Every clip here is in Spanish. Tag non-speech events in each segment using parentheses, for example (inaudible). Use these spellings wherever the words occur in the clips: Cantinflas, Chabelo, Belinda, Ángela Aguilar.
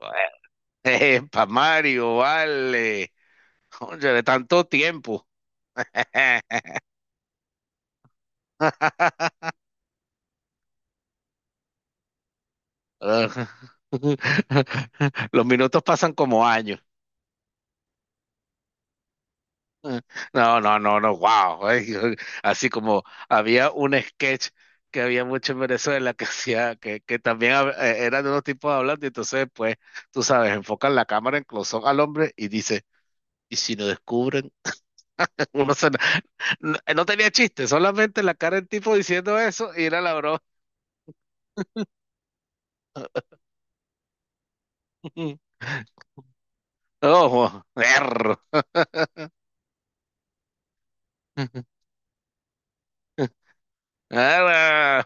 (laughs) Para Mario, vale. Oye, de tanto tiempo. (laughs) Los minutos pasan como años. No, no, no, no, wow. Ay, así como había un sketch que había mucho en Venezuela que hacía, que también eran unos tipos hablando, y entonces pues, tú sabes, enfocan la cámara en close al hombre y dice, ¿y si no descubren? (laughs) Uno se- no, no tenía chiste, solamente la cara del tipo diciendo eso y era la broma. (laughs) Ojo, perro. (laughs) Ah,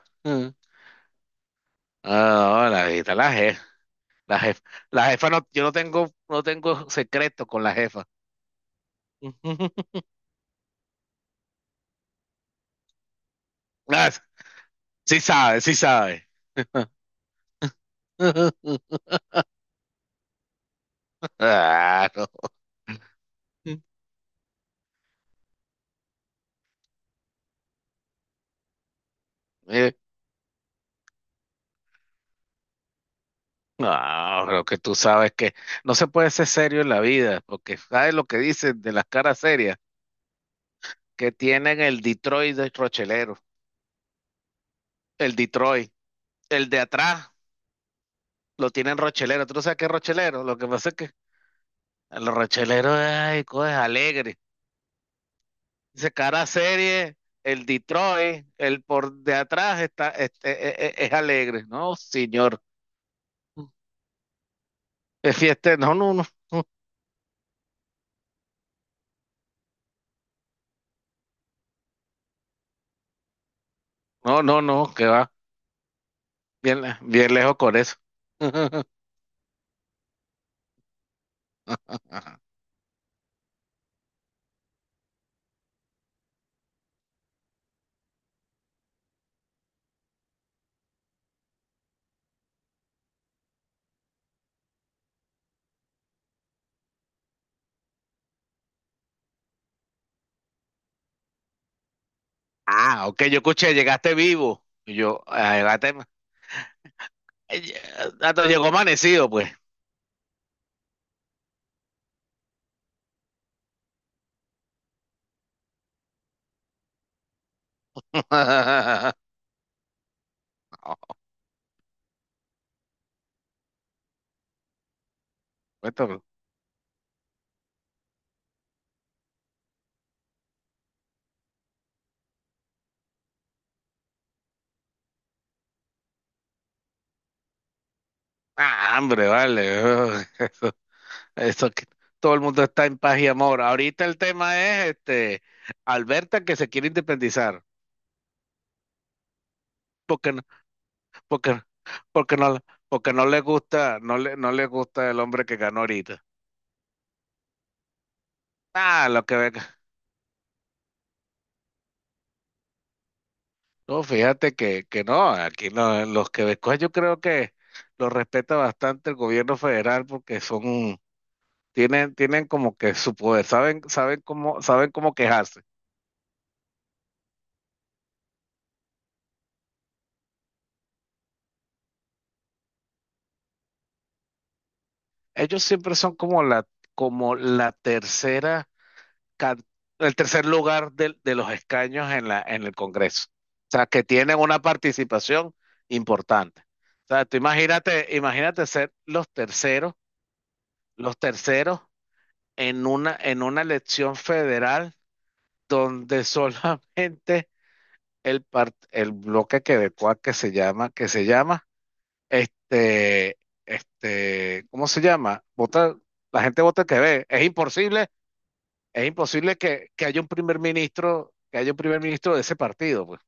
ah, la jefita, la jefa, la jefa, la jefa no, yo no tengo secreto con la jefa. (laughs) Ah, sí sabe, sí sabe. (laughs) Ah, no. Eh, No, lo que tú sabes que no se puede ser serio en la vida, porque sabes lo que dicen de las caras serias, que tienen el Detroit de Rochelero, el Detroit, el de atrás lo tienen rochelero. ¿Tú no sabes qué es rochelero? Lo que pasa es que a los rocheleros, ay, cosas alegres. Dice, cara serie, el Detroit, el por de atrás está, este, es, alegre. No, señor. Es fiesta. No, no, no. No, no, no, que va. Bien, bien lejos con eso. (laughs) Ajá. Ah, ok, yo escuché, llegaste vivo. Y yo, ah, llegaste. Ay, ah, te llegó amanecido, pues. (laughs) No, esto- ah, hambre, vale. (laughs) Eso que todo el mundo está en paz y amor. Ahorita el tema es este Alberta que se quiere independizar porque no, porque, porque no, porque no le gusta, no le gusta el hombre que ganó ahorita. Ah, lo que venga. No, fíjate que no, aquí no, los quebecos yo creo que los respeta bastante el gobierno federal porque son, tienen como que su poder, saben cómo quejarse. Ellos siempre son como la tercera ca- el tercer lugar de los escaños en la, en el Congreso. O sea, que tienen una participación importante. O sea, tú imagínate ser los terceros en una elección federal donde (laughs) solamente el bloque quebecuá que se llama, este, este, ¿cómo se llama? Vota, la gente vota el que ve. Es imposible que haya un primer ministro, que haya un primer ministro de ese partido, pues.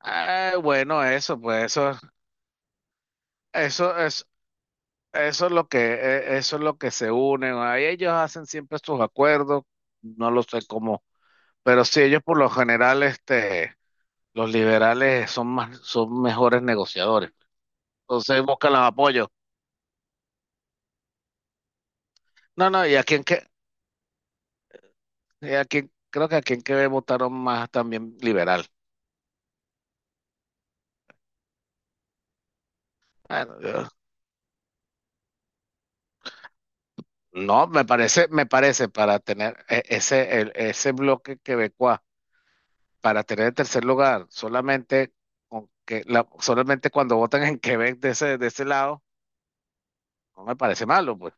Ah, bueno, eso, pues, eso, eso es, eso es lo que, eso es lo que se unen. Ahí ellos hacen siempre sus acuerdos, no lo sé cómo, pero sí, ellos por lo general, este, los liberales son más, son mejores negociadores. Entonces buscan los apoyos. No, no, y a en que, y a aquí, creo que a en que votaron más también liberal. Bueno, no, me parece para tener ese bloque quebecuá, para tener el tercer lugar, solamente con que solamente cuando votan en Quebec de ese lado, no me parece malo, pues.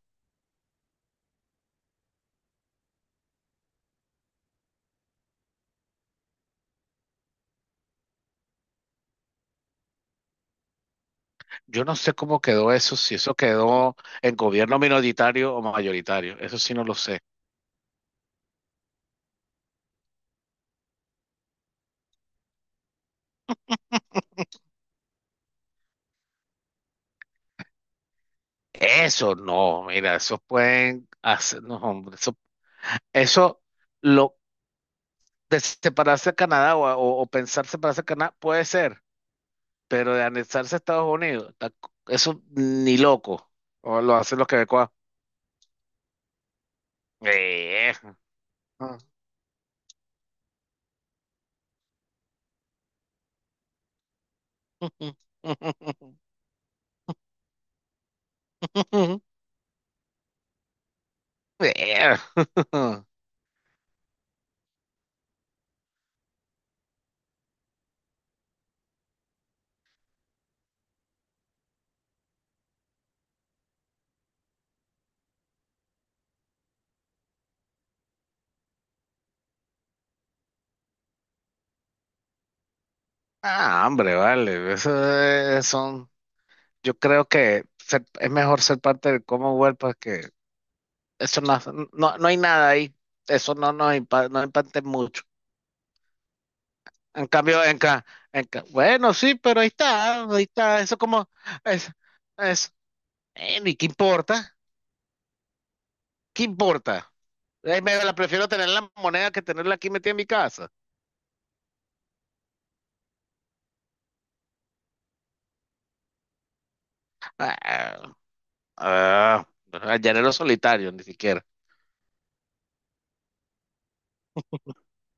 Yo no sé cómo quedó eso, si eso quedó en gobierno minoritario o mayoritario, eso sí no lo sé. Eso no, mira, eso pueden hacer, no, hombre, eso lo de separarse de Canadá o pensar separarse de Canadá puede ser, pero de anexarse a Estados Unidos, eso ni loco. O lo hacen los quebecuas. Eh. Ah. (laughs) Eh. (laughs) Ah, hombre, vale. Eso son. Yo creo que es mejor ser parte del Commonwealth porque eso no, no, no hay nada ahí. Eso no nos impacta, no impacta mucho. En cambio, en, bueno, sí, pero ahí está, ahí está. Eso como es, es, ¿y qué importa? ¿Qué importa? Ay, me la prefiero tener en la moneda que tenerla aquí metida en mi casa. Ah, ah, al llanero solitario, ni siquiera.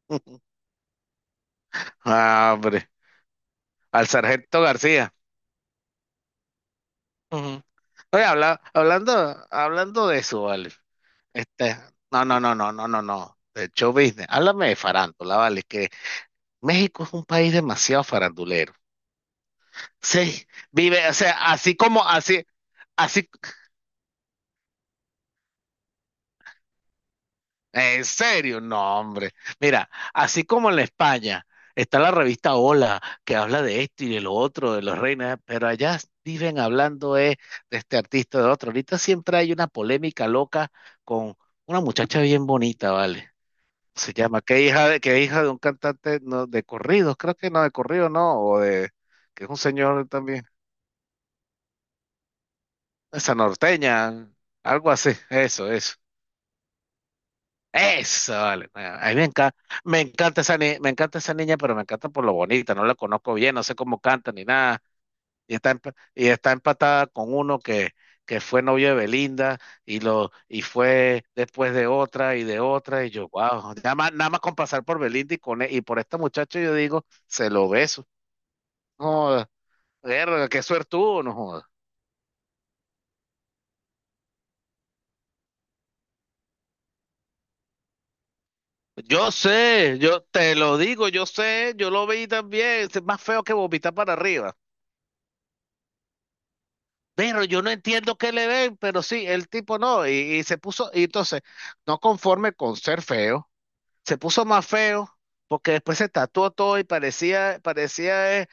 (laughs) Ah, hombre, al sargento García. Ujú. Oye, hablando de eso, vale. Este, no, no, no, no, no, no, no. De show business. Háblame de farándula, vale. Que México es un país demasiado farandulero. Sí, vive, o sea, así como, así, así. ¿En serio? No, hombre. Mira, así como en la España está la revista Hola, que habla de esto y de lo otro, de los reinas, pero allá viven hablando de este artista, de otro. Ahorita siempre hay una polémica loca con una muchacha bien bonita, ¿vale? Se llama, que hija de un cantante no, de corridos, creo que no, de corrido no, o de, que es un señor también, esa norteña, algo así, eso, eso. Eso, vale. Bueno, a mí me encanta esa ni- me encanta esa niña, pero me encanta por lo bonita. No la conozco bien, no sé cómo canta ni nada. Y está empatada con uno que fue novio de Belinda y y fue después de otra. Y yo, wow, nada más, nada más con pasar por Belinda y y por este muchacho yo digo, se lo beso. No joda. Verga, qué suertudo, no joda. Yo sé, yo te lo digo, yo sé, yo lo vi también. Es más feo que vomitar para arriba. Pero yo no entiendo qué le ven, pero sí, el tipo no, y se puso, y entonces, no conforme con ser feo, se puso más feo, porque después se tatuó todo y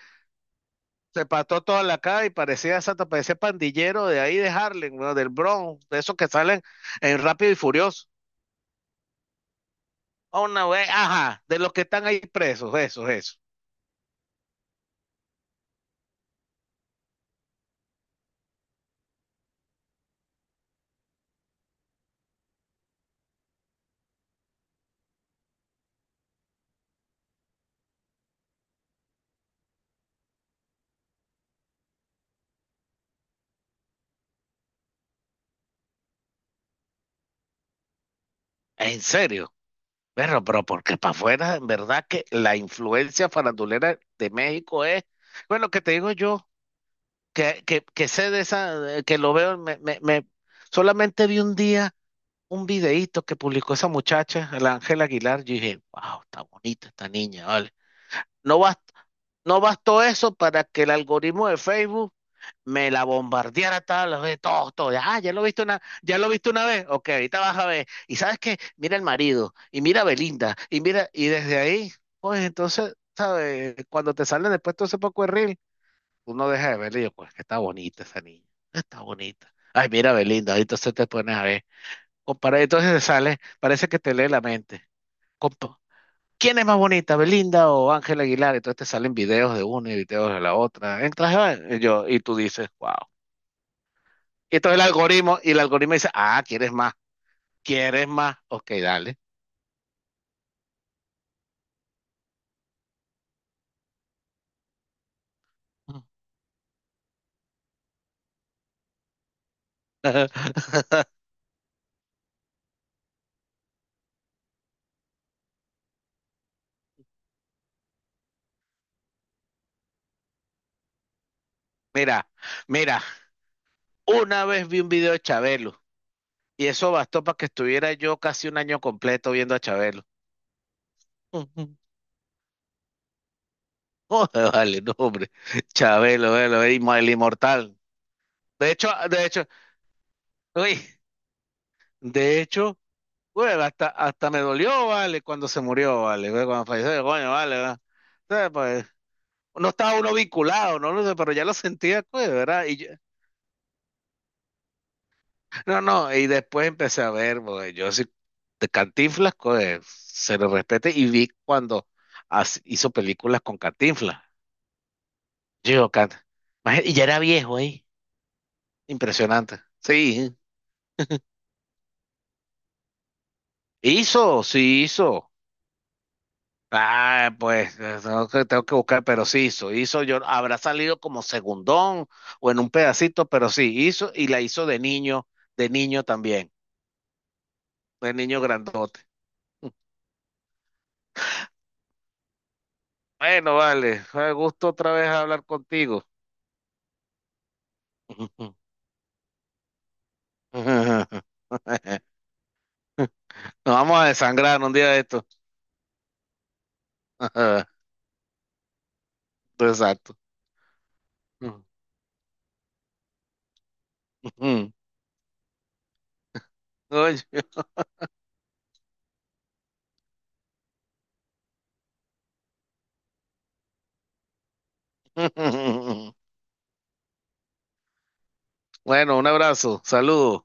se pató toda la cara y parecía, exacto, parecía pandillero de ahí de Harlem, ¿no? Del Bronx, de esos que salen en Rápido y Furioso. Una vez, ajá, de los que están ahí presos, eso, eso. ¿En serio? Pero porque para afuera, en verdad que la influencia farandulera de México es, bueno, que te digo yo. Que sé de esa, que lo veo, solamente vi un día un videíto que publicó esa muchacha, la Ángela Aguilar, yo dije, wow, está bonita esta niña, vale. No bast- no bastó eso para que el algoritmo de Facebook me la bombardeara todas las veces, todo, todo, ah, ya lo viste una vez, ok, ahorita vas a ver, y sabes qué, mira el marido, y mira a Belinda, y mira, y desde ahí, pues entonces, ¿sabes? Cuando te salen después todo ese poco de reel, uno deja de verla y yo, pues que está bonita esa niña, está bonita. Ay, mira, Belinda, ahí entonces te pones a ver. Compara, entonces te sale, parece que te lee la mente. Compa- ¿Quién es más bonita, Belinda o Ángela Aguilar? Entonces te salen videos de una y videos de la otra. Entras a ver, y yo, y tú dices, wow. Y entonces el algoritmo, y el algoritmo dice, ah, ¿quieres más? ¿Quieres más? Ok, dale. (laughs) Mira, mira, una vez vi un video de Chabelo y eso bastó para que estuviera yo casi un año completo viendo a Chabelo. (laughs) (laughs) Joder, vale, no, hombre. Chabelo, velo, el inmortal. De hecho, uy, de hecho, güey, hasta me dolió, vale, cuando se murió, vale, güey, cuando falleció, coño, vale, ¿verdad? Entonces, pues, no estaba uno vinculado, no lo sé, pero ya lo sentía, güey, ¿verdad? No, no, y después empecé a ver, güey, yo sí, de Cantinflas, güey, se lo respete, y vi cuando hizo películas con Cantinflas. Yo, Cant, imagínate, y ya era viejo, ahí, impresionante. Sí. Hizo, sí hizo. Ah, pues tengo que buscar, pero sí hizo, yo habrá salido como segundón o en un pedacito, pero sí hizo y la hizo de niño también, de niño grandote. (laughs) Bueno, vale, fue gusto otra vez hablar contigo. (laughs) Nos vamos a desangrar un día de esto. (laughs) Exacto. (laughs) Oye. (laughs) Bueno, un abrazo, saludos.